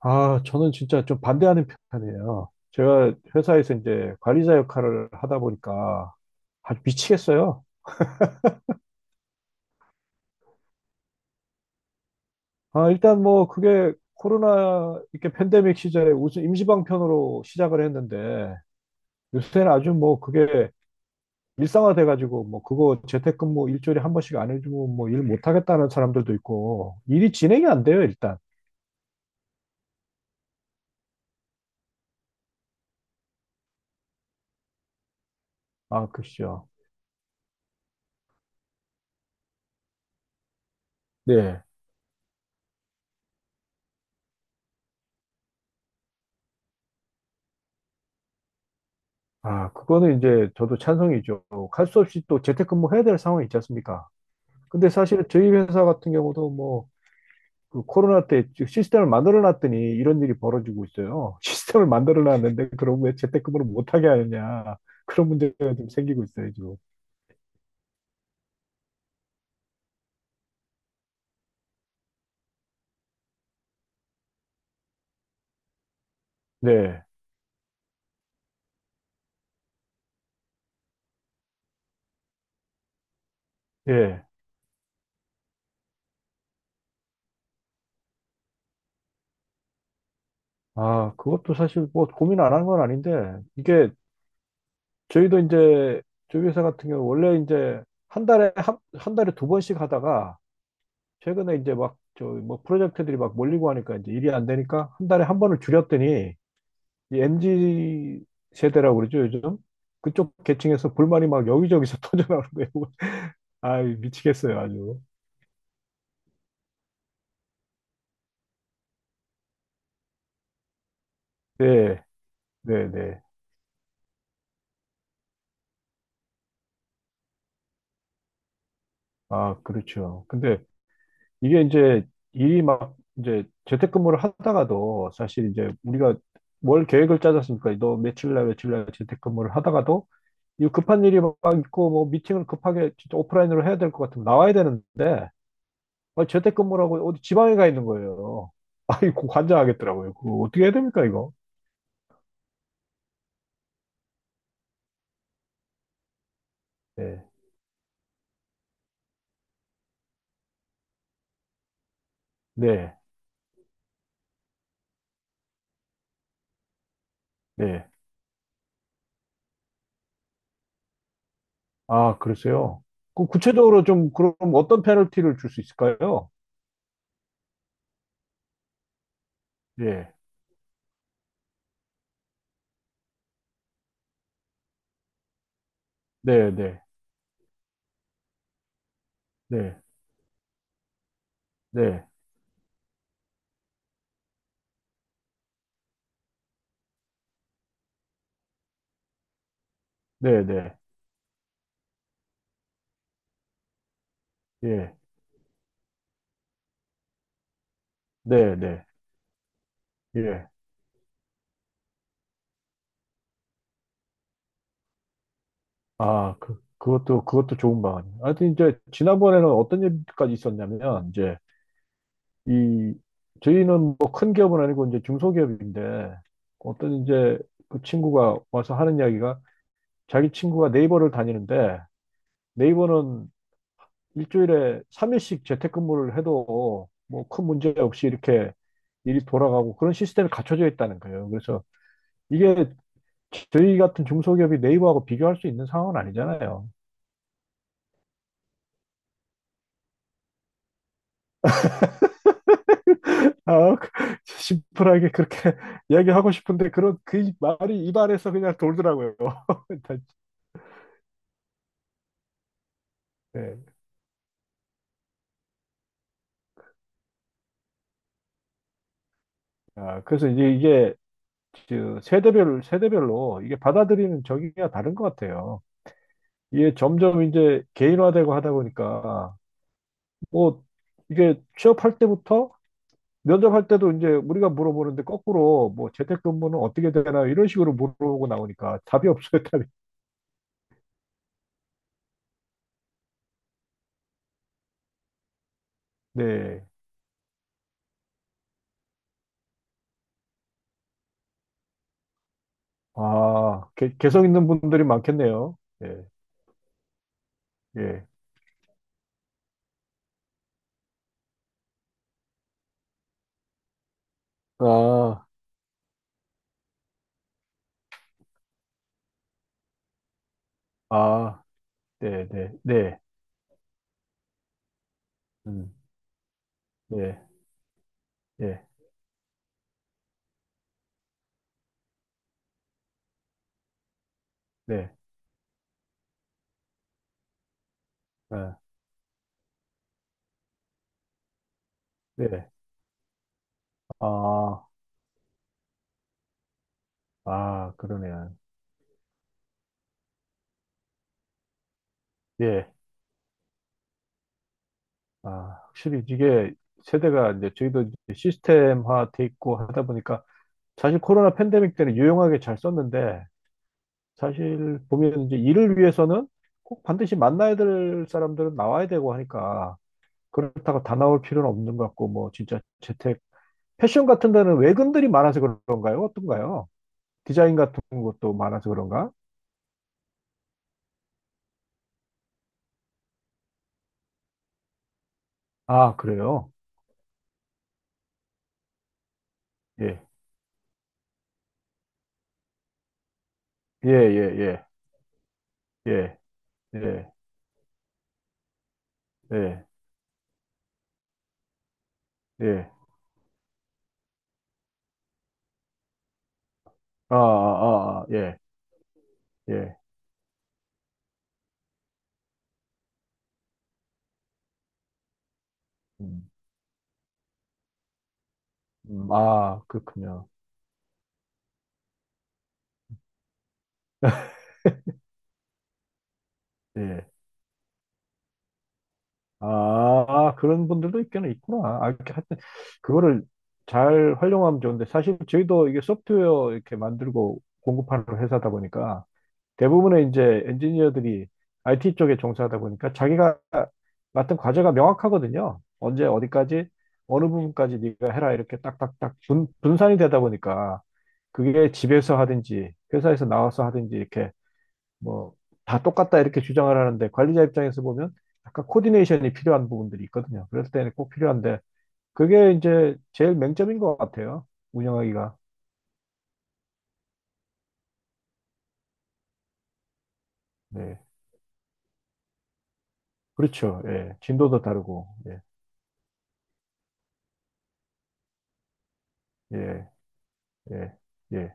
아, 저는 진짜 좀 반대하는 편이에요. 제가 회사에서 이제 관리자 역할을 하다 보니까 아주 미치겠어요. 아, 일단 뭐 그게 코로나 이렇게 팬데믹 시절에 우선 임시방편으로 시작을 했는데 요새는 아주 뭐 그게 일상화돼 가지고 뭐 그거 재택근무 일주일에 한 번씩 안 해주면 뭐 일 못하겠다는 사람들도 있고 일이 진행이 안 돼요, 일단. 아, 그죠. 네. 아, 그거는 이제 저도 찬성이죠. 갈 수 없이 또 재택근무 해야 될 상황이 있지 않습니까? 근데 사실은 저희 회사 같은 경우도 뭐 그 코로나 때 즉 시스템을 만들어 놨더니 이런 일이 벌어지고 있어요. 시스템을 만들어 놨는데 그럼 왜 재택근무를 못 하게 하느냐, 그런 문제가 좀 생기고 있어요 지금. 네, 예. 아, 그것도 사실 뭐 고민 안 한 건 아닌데 이게 저희도 이제 저희 회사 같은 경우 원래 이제 한 달에 두 번씩 하다가 최근에 이제 막 저 뭐 프로젝트들이 막 몰리고 하니까 이제 일이 안 되니까 한 달에 한 번을 줄였더니 이 MZ 세대라고 그러죠, 요즘? 그쪽 계층에서 불만이 막 여기저기서 터져나오는데, 아, 미치겠어요, 아주. 네, 네, 네. 아, 그렇죠. 근데 이게 이제 일이 막 이제 재택근무를 하다가도 사실 이제 우리가 뭘 계획을 짜졌습니까. 너 며칠 날 며칠 날 재택근무를 하다가도 이 급한 일이 막 있고 뭐 미팅을 급하게 진짜 오프라인으로 해야 될 것 같으면 나와야 되는데, 아, 재택근무라고 어디 지방에 가 있는 거예요. 아, 이거 관장하겠더라고요. 그거 어떻게 해야 됩니까, 이거? 네, 네, 네. 아, 그러세요? 그 구체적으로 좀 그럼 어떤 페널티를 줄 수 있을까요? 예, 네, 네, 네, 네, 네, 네, 예, 네, 네, 예. 아, 그것도 좋은 방안이에요. 하여튼 이제 지난번에는 어떤 얘기까지 있었냐면, 이제 이, 저희는 뭐 큰 기업은 아니고 이제 중소기업인데, 어떤 이제 그 친구가 와서 하는 이야기가 자기 친구가 네이버를 다니는데, 네이버는 일주일에 3일씩 재택근무를 해도 뭐 큰 문제 없이 이렇게 일이 돌아가고 그런 시스템이 갖춰져 있다는 거예요. 그래서 이게 저희 같은 중소기업이 네이버하고 비교할 수 있는 상황은 아니잖아요. 아, 그- 심플하게 그렇게 이야기하고 싶은데 그런 그 말이 입안에서 그냥 돌더라고요. 네. 아, 그래서 이제 이게 그 세대별로 이게 받아들이는 적이가 다른 것 같아요. 이게 점점 이제 개인화되고 하다 보니까 뭐 이게 취업할 때부터 면접할 때도 이제 우리가 물어보는데 거꾸로 뭐 재택근무는 어떻게 되나 이런 식으로 물어보고 나오니까 답이 없어요, 답이. 네. 아, 개성 있는 분들이 많겠네요. 예, 예. 아, 아, 네, 네, 네. 음, 네, 예, 네, 아, 네. 아, 아, 그러네요. 예. 아, 확실히 이게 세대가 이제 저희도 이제 시스템화 돼 있고 하다 보니까 사실 코로나 팬데믹 때는 유용하게 잘 썼는데 사실 보면 이제 일을 위해서는 꼭 반드시 만나야 될 사람들은 나와야 되고 하니까 그렇다고 다 나올 필요는 없는 것 같고 뭐 진짜 재택 패션 같은 데는 외근들이 많아서 그런가요? 어떤가요? 디자인 같은 것도 많아서 그런가? 아, 그래요? 예. 예, 예, 예. 예. 예. 예. 예. 아, 아, 아, 아, 예. 예. 음, 아, 그렇군요. 예. 아, 그런 분들도 있기는 있구나. 아, 이렇게 하여튼, 그거를 잘 활용하면 좋은데, 사실 저희도 이게 소프트웨어 이렇게 만들고 공급하는 회사다 보니까, 대부분의 이제 엔지니어들이 IT 쪽에 종사하다 보니까, 자기가 맡은 과제가 명확하거든요. 언제 어디까지, 어느 부분까지 네가 해라, 이렇게 딱딱딱 분산이 되다 보니까, 그게 집에서 하든지, 회사에서 나와서 하든지, 이렇게 뭐 다 똑같다 이렇게 주장을 하는데 관리자 입장에서 보면 약간 코디네이션이 필요한 부분들이 있거든요. 그럴 때는 꼭 필요한데 그게 이제 제일 맹점인 것 같아요. 운영하기가. 네. 그렇죠. 예. 진도도 다르고. 예. 예. 예. 예.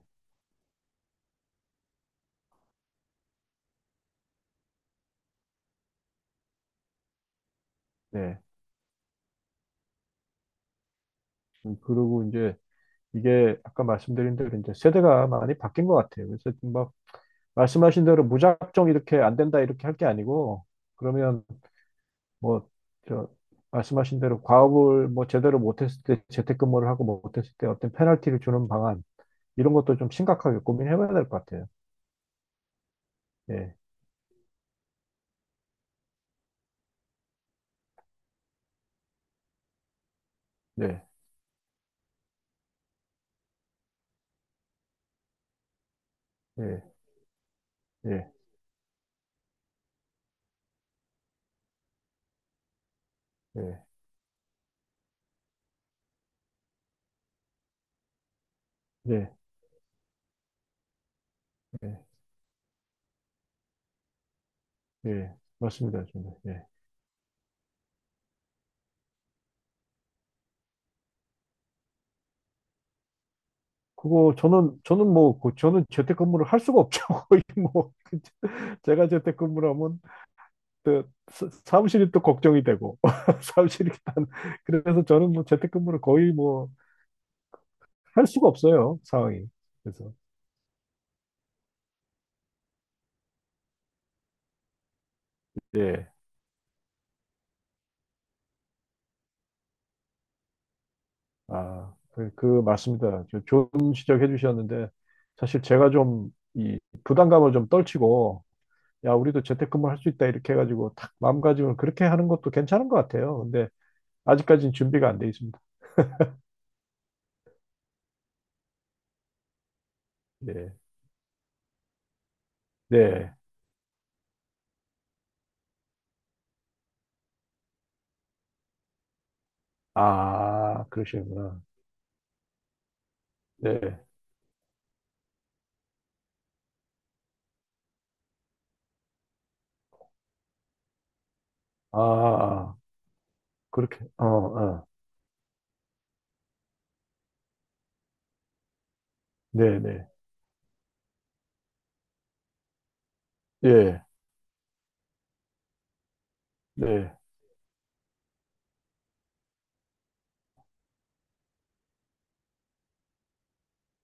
네. 그리고 이제 이게 아까 말씀드린 대로 이제 세대가 많이 바뀐 것 같아요. 그래서 지금 막 말씀하신 대로 무작정 이렇게 안 된다 이렇게 할 게 아니고 그러면 뭐, 저, 말씀하신 대로 과업을 뭐 제대로 못했을 때, 재택근무를 하고 못했을 때 어떤 페널티를 주는 방안, 이런 것도 좀 심각하게 고민해봐야 될 것 같아요. 예, 네, 예, 예, 예, 예, 예, 예. 맞습니다. 저는. 예. 그거 저는 뭐, 저는 재택근무를 할 수가 없죠. 거의 뭐, 제가 재택근무를 하면 또 사무실이 또 걱정이 되고, 사무실이 일단, 그래서 저는 뭐 재택근무를 거의 뭐, 할 수가 없어요. 상황이. 그래서. 예. 아, 그 맞습니다. 좋은 지적해 주셨는데 사실 제가 좀 이 부담감을 좀 떨치고 야, 우리도 재택근무 할 수 있다 이렇게 해가지고 탁 마음가짐을 그렇게 하는 것도 괜찮은 것 같아요. 근데 아직까지는 준비가 안 돼 있습니다. 네. 네. 아, 그러시구나. 네. 아, 아, 그렇게. 어, 어. 네, 네. 예. 네.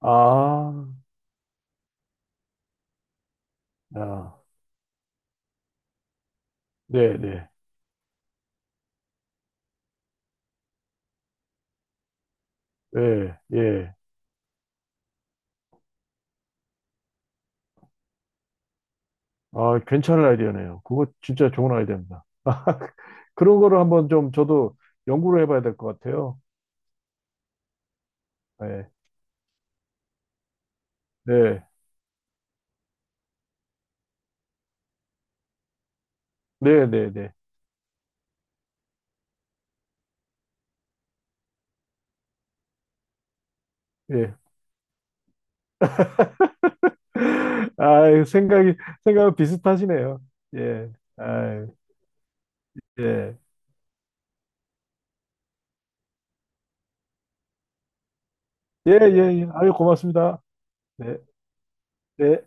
아, 아. 네, 네. 예, 예. 아, 괜찮은 아이디어네요. 그거 진짜 좋은 아이디어입니다. 그런 거를 한번 좀 저도 연구를 해봐야 될 것 같아요. 네, 네, 네, 네, 네. 예. 아, 생각이 생각은 비슷하시네요. 예, 아, 예, 예, 예, 예. 아유, 고맙습니다. 네, 네.